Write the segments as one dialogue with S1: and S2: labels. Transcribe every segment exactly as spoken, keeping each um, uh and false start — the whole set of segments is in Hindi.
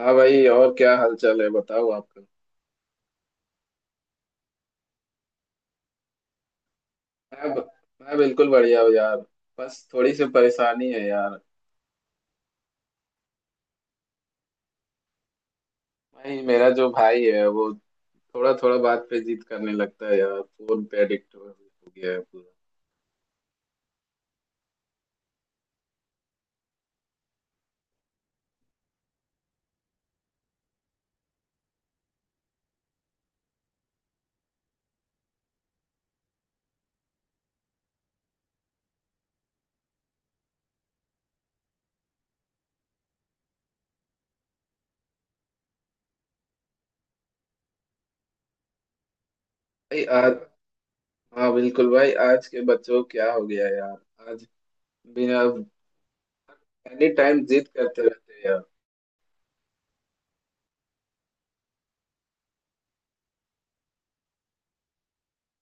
S1: हाँ भाई। और क्या हालचाल है बताओ आपका। मैं मैं बिल्कुल बढ़िया हूँ यार। बस थोड़ी सी परेशानी है यार। भाई मेरा जो भाई है वो थोड़ा थोड़ा बात पे जिद करने लगता है यार। फोन पे एडिक्ट हो हो गया है पूरा। भाई आज हाँ बिल्कुल भाई, आज के बच्चों को क्या हो गया यार। आज बिना एनी टाइम जिद करते रहते हैं यार।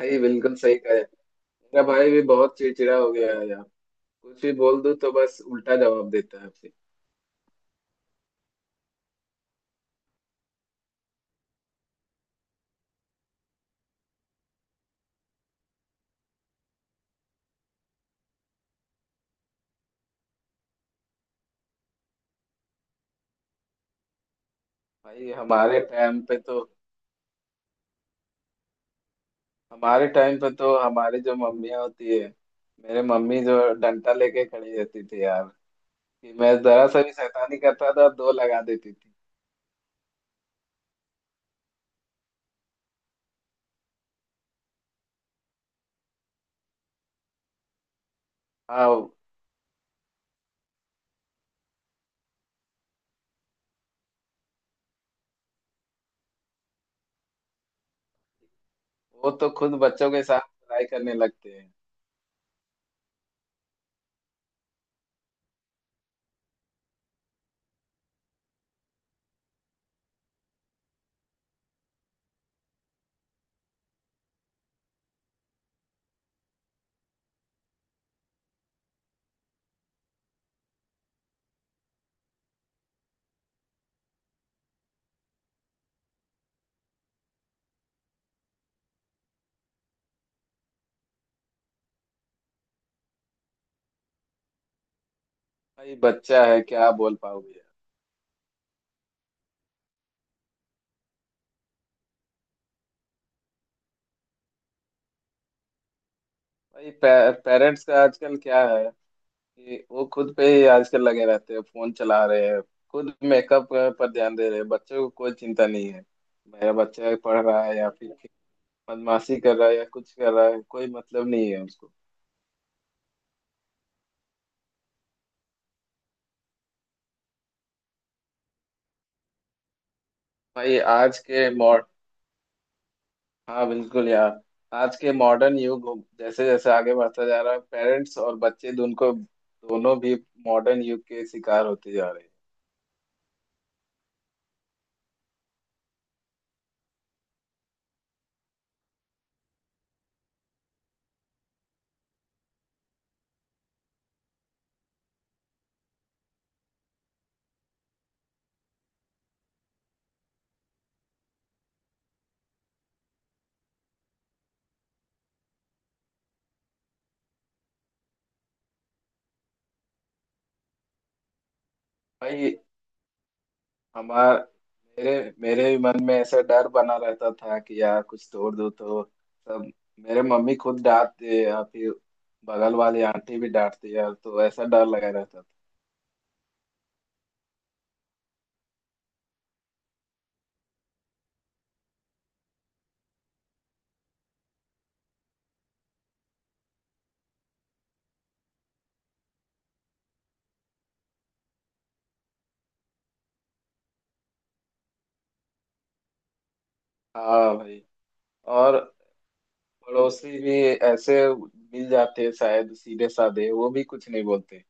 S1: भाई बिल्कुल सही कहा है। मेरा भाई भी बहुत चिड़चिड़ा हो गया है यार। कुछ भी बोल दूं तो बस उल्टा जवाब देता है फिर। भाई हमारे टाइम पे तो हमारे टाइम पे तो हमारी जो मम्मियाँ होती है। मेरे मम्मी जो डंडा लेके खड़ी रहती थी यार। कि मैं जरा सा भी शैतानी करता था दो लगा देती थी। हाँ, वो तो खुद बच्चों के साथ लड़ाई करने लगते हैं। भाई बच्चा है क्या बोल पाओगे यार। भाई पे, पेरेंट्स का आजकल क्या है कि वो खुद पे ही आजकल लगे रहते हैं। फोन चला रहे हैं, खुद मेकअप पर ध्यान दे रहे हैं। बच्चों को कोई चिंता नहीं है। मेरा बच्चा पढ़ रहा है या फिर बदमाशी कर रहा है या कुछ कर रहा है, कोई मतलब नहीं है उसको। भाई आज के मॉड हाँ बिल्कुल यार, आज के मॉडर्न युग जैसे जैसे आगे बढ़ता जा रहा है, पेरेंट्स और बच्चे दोनों को दोनों भी मॉडर्न युग के शिकार होते जा रहे हैं। भाई हमार मेरे मेरे भी मन में ऐसा डर बना रहता था कि यार कुछ तोड़ दो तो सब। मेरे मम्मी खुद डांटते या फिर बगल वाली आंटी भी डांटती यार, तो ऐसा डर लगा रहता था। हाँ भाई। और पड़ोसी भी ऐसे मिल जाते हैं शायद सीधे साधे, वो भी कुछ नहीं बोलते।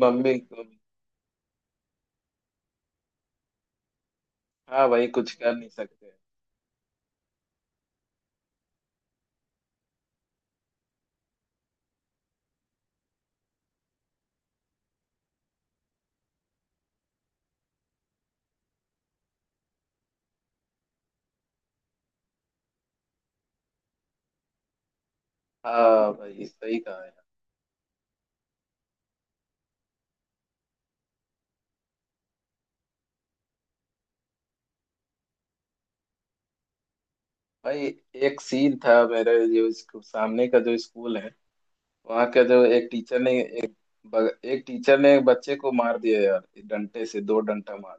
S1: मम्मी तुम हाँ भाई, कुछ कर नहीं सकते। हाँ भाई सही कहा यार। भाई एक सीन था, मेरे जो इसको सामने का जो स्कूल है, वहाँ का जो एक टीचर ने एक बग, एक टीचर ने एक बच्चे को मार दिया यार, डंडे से दो डंडा मार।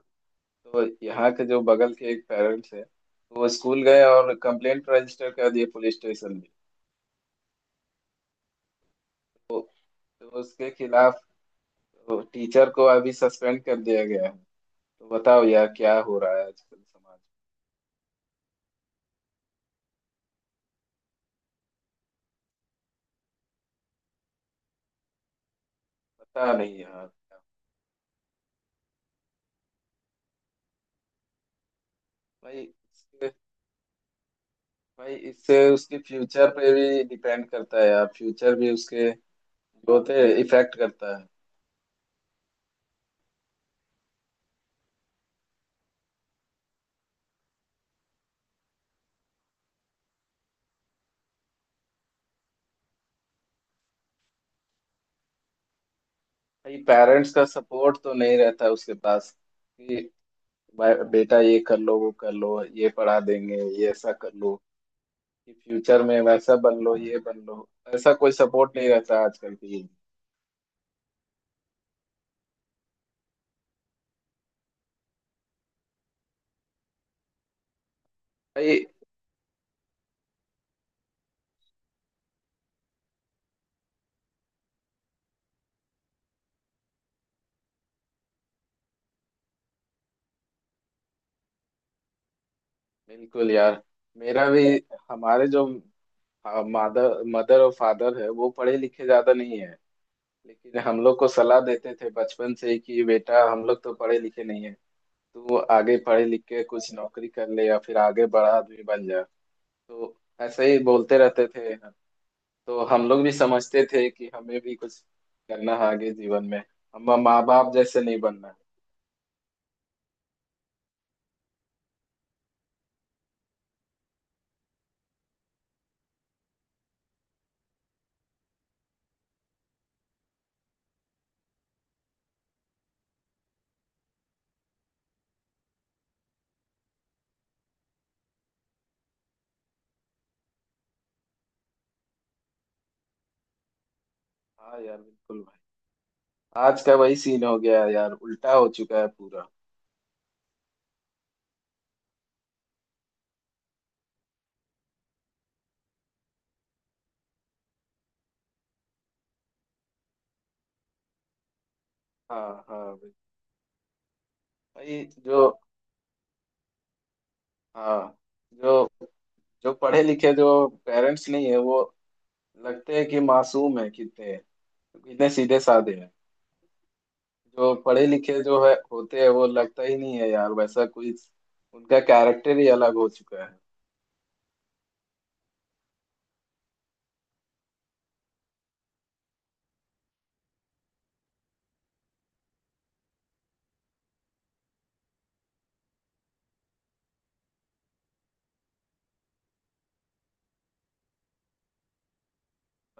S1: तो यहाँ के जो बगल के एक पेरेंट्स है, वो स्कूल गए और कंप्लेंट रजिस्टर कर दिए पुलिस स्टेशन में। तो, तो उसके खिलाफ, तो टीचर को अभी सस्पेंड कर दिया गया है। तो बताओ यार क्या हो रहा है आजकल समाज में? पता नहीं यार। भाई इससे- भाई इससे उसके फ्यूचर पे भी डिपेंड करता है यार, फ्यूचर भी उसके जो होते हैं इफेक्ट करता है। भाई पेरेंट्स का सपोर्ट तो नहीं रहता है उसके पास कि भाई बेटा ये कर लो, वो कर लो, ये पढ़ा देंगे, ये ऐसा कर लो कि फ्यूचर में वैसा बन लो, ये बन लो। ऐसा कोई सपोर्ट नहीं रहता आजकल की युग में। भाई बिल्कुल यार। मेरा भी हमारे जो मादर मदर और फादर है वो पढ़े लिखे ज्यादा नहीं है, लेकिन हम लोग को सलाह देते थे बचपन से ही कि बेटा हम लोग तो पढ़े लिखे नहीं है, तू आगे पढ़े लिख के कुछ नौकरी कर ले या फिर आगे बड़ा आदमी बन जा। तो ऐसे ही बोलते रहते थे। तो हम लोग भी समझते थे कि हमें भी कुछ करना है आगे जीवन में। हम माँ बाप जैसे नहीं बनना है। हाँ यार बिल्कुल भाई। आज का वही सीन हो गया है यार, उल्टा हो चुका है पूरा। हाँ हाँ भाई। भाई, जो हाँ जो जो पढ़े लिखे जो पेरेंट्स नहीं है वो लगते हैं कि मासूम है कितने, इतने सीधे साधे हैं। जो पढ़े लिखे जो है होते हैं वो लगता ही नहीं है यार वैसा कोई। उनका कैरेक्टर ही अलग हो चुका है।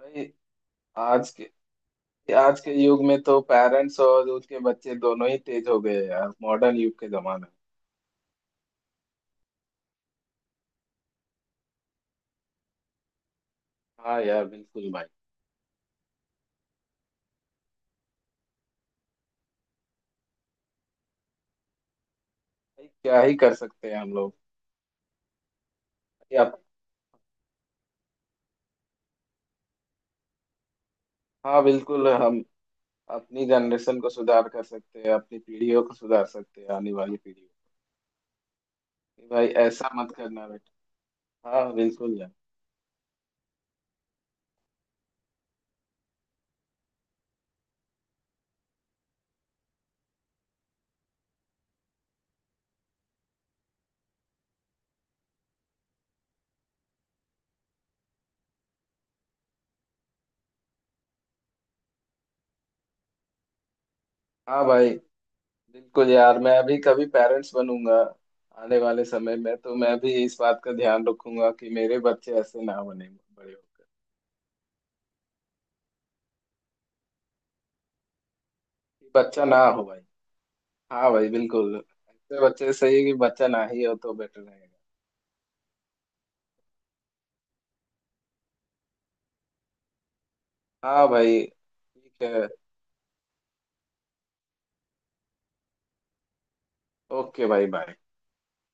S1: भाई आज के आज के युग में तो पेरेंट्स और उनके बच्चे दोनों ही तेज हो गए हैं यार, मॉडर्न युग के जमाने में। हाँ यार बिल्कुल भाई। भाई, क्या ही कर सकते हैं हम लोग। या हाँ बिल्कुल, हम अपनी जनरेशन को सुधार कर सकते हैं, अपनी पीढ़ियों को सुधार सकते हैं, आने वाली पीढ़ियों। भाई ऐसा मत करना बेटा। हाँ बिल्कुल यार। हाँ भाई बिल्कुल यार, मैं अभी कभी पेरेंट्स बनूंगा आने वाले समय में, तो मैं भी इस बात का ध्यान रखूंगा कि मेरे बच्चे ऐसे ना बने बड़े होकर। कि बच्चा ना हो भाई। हाँ भाई बिल्कुल, ऐसे बच्चे सही है कि बच्चा ना ही हो तो बेटर रहेगा। हाँ भाई ठीक है। ओके भाई बाय।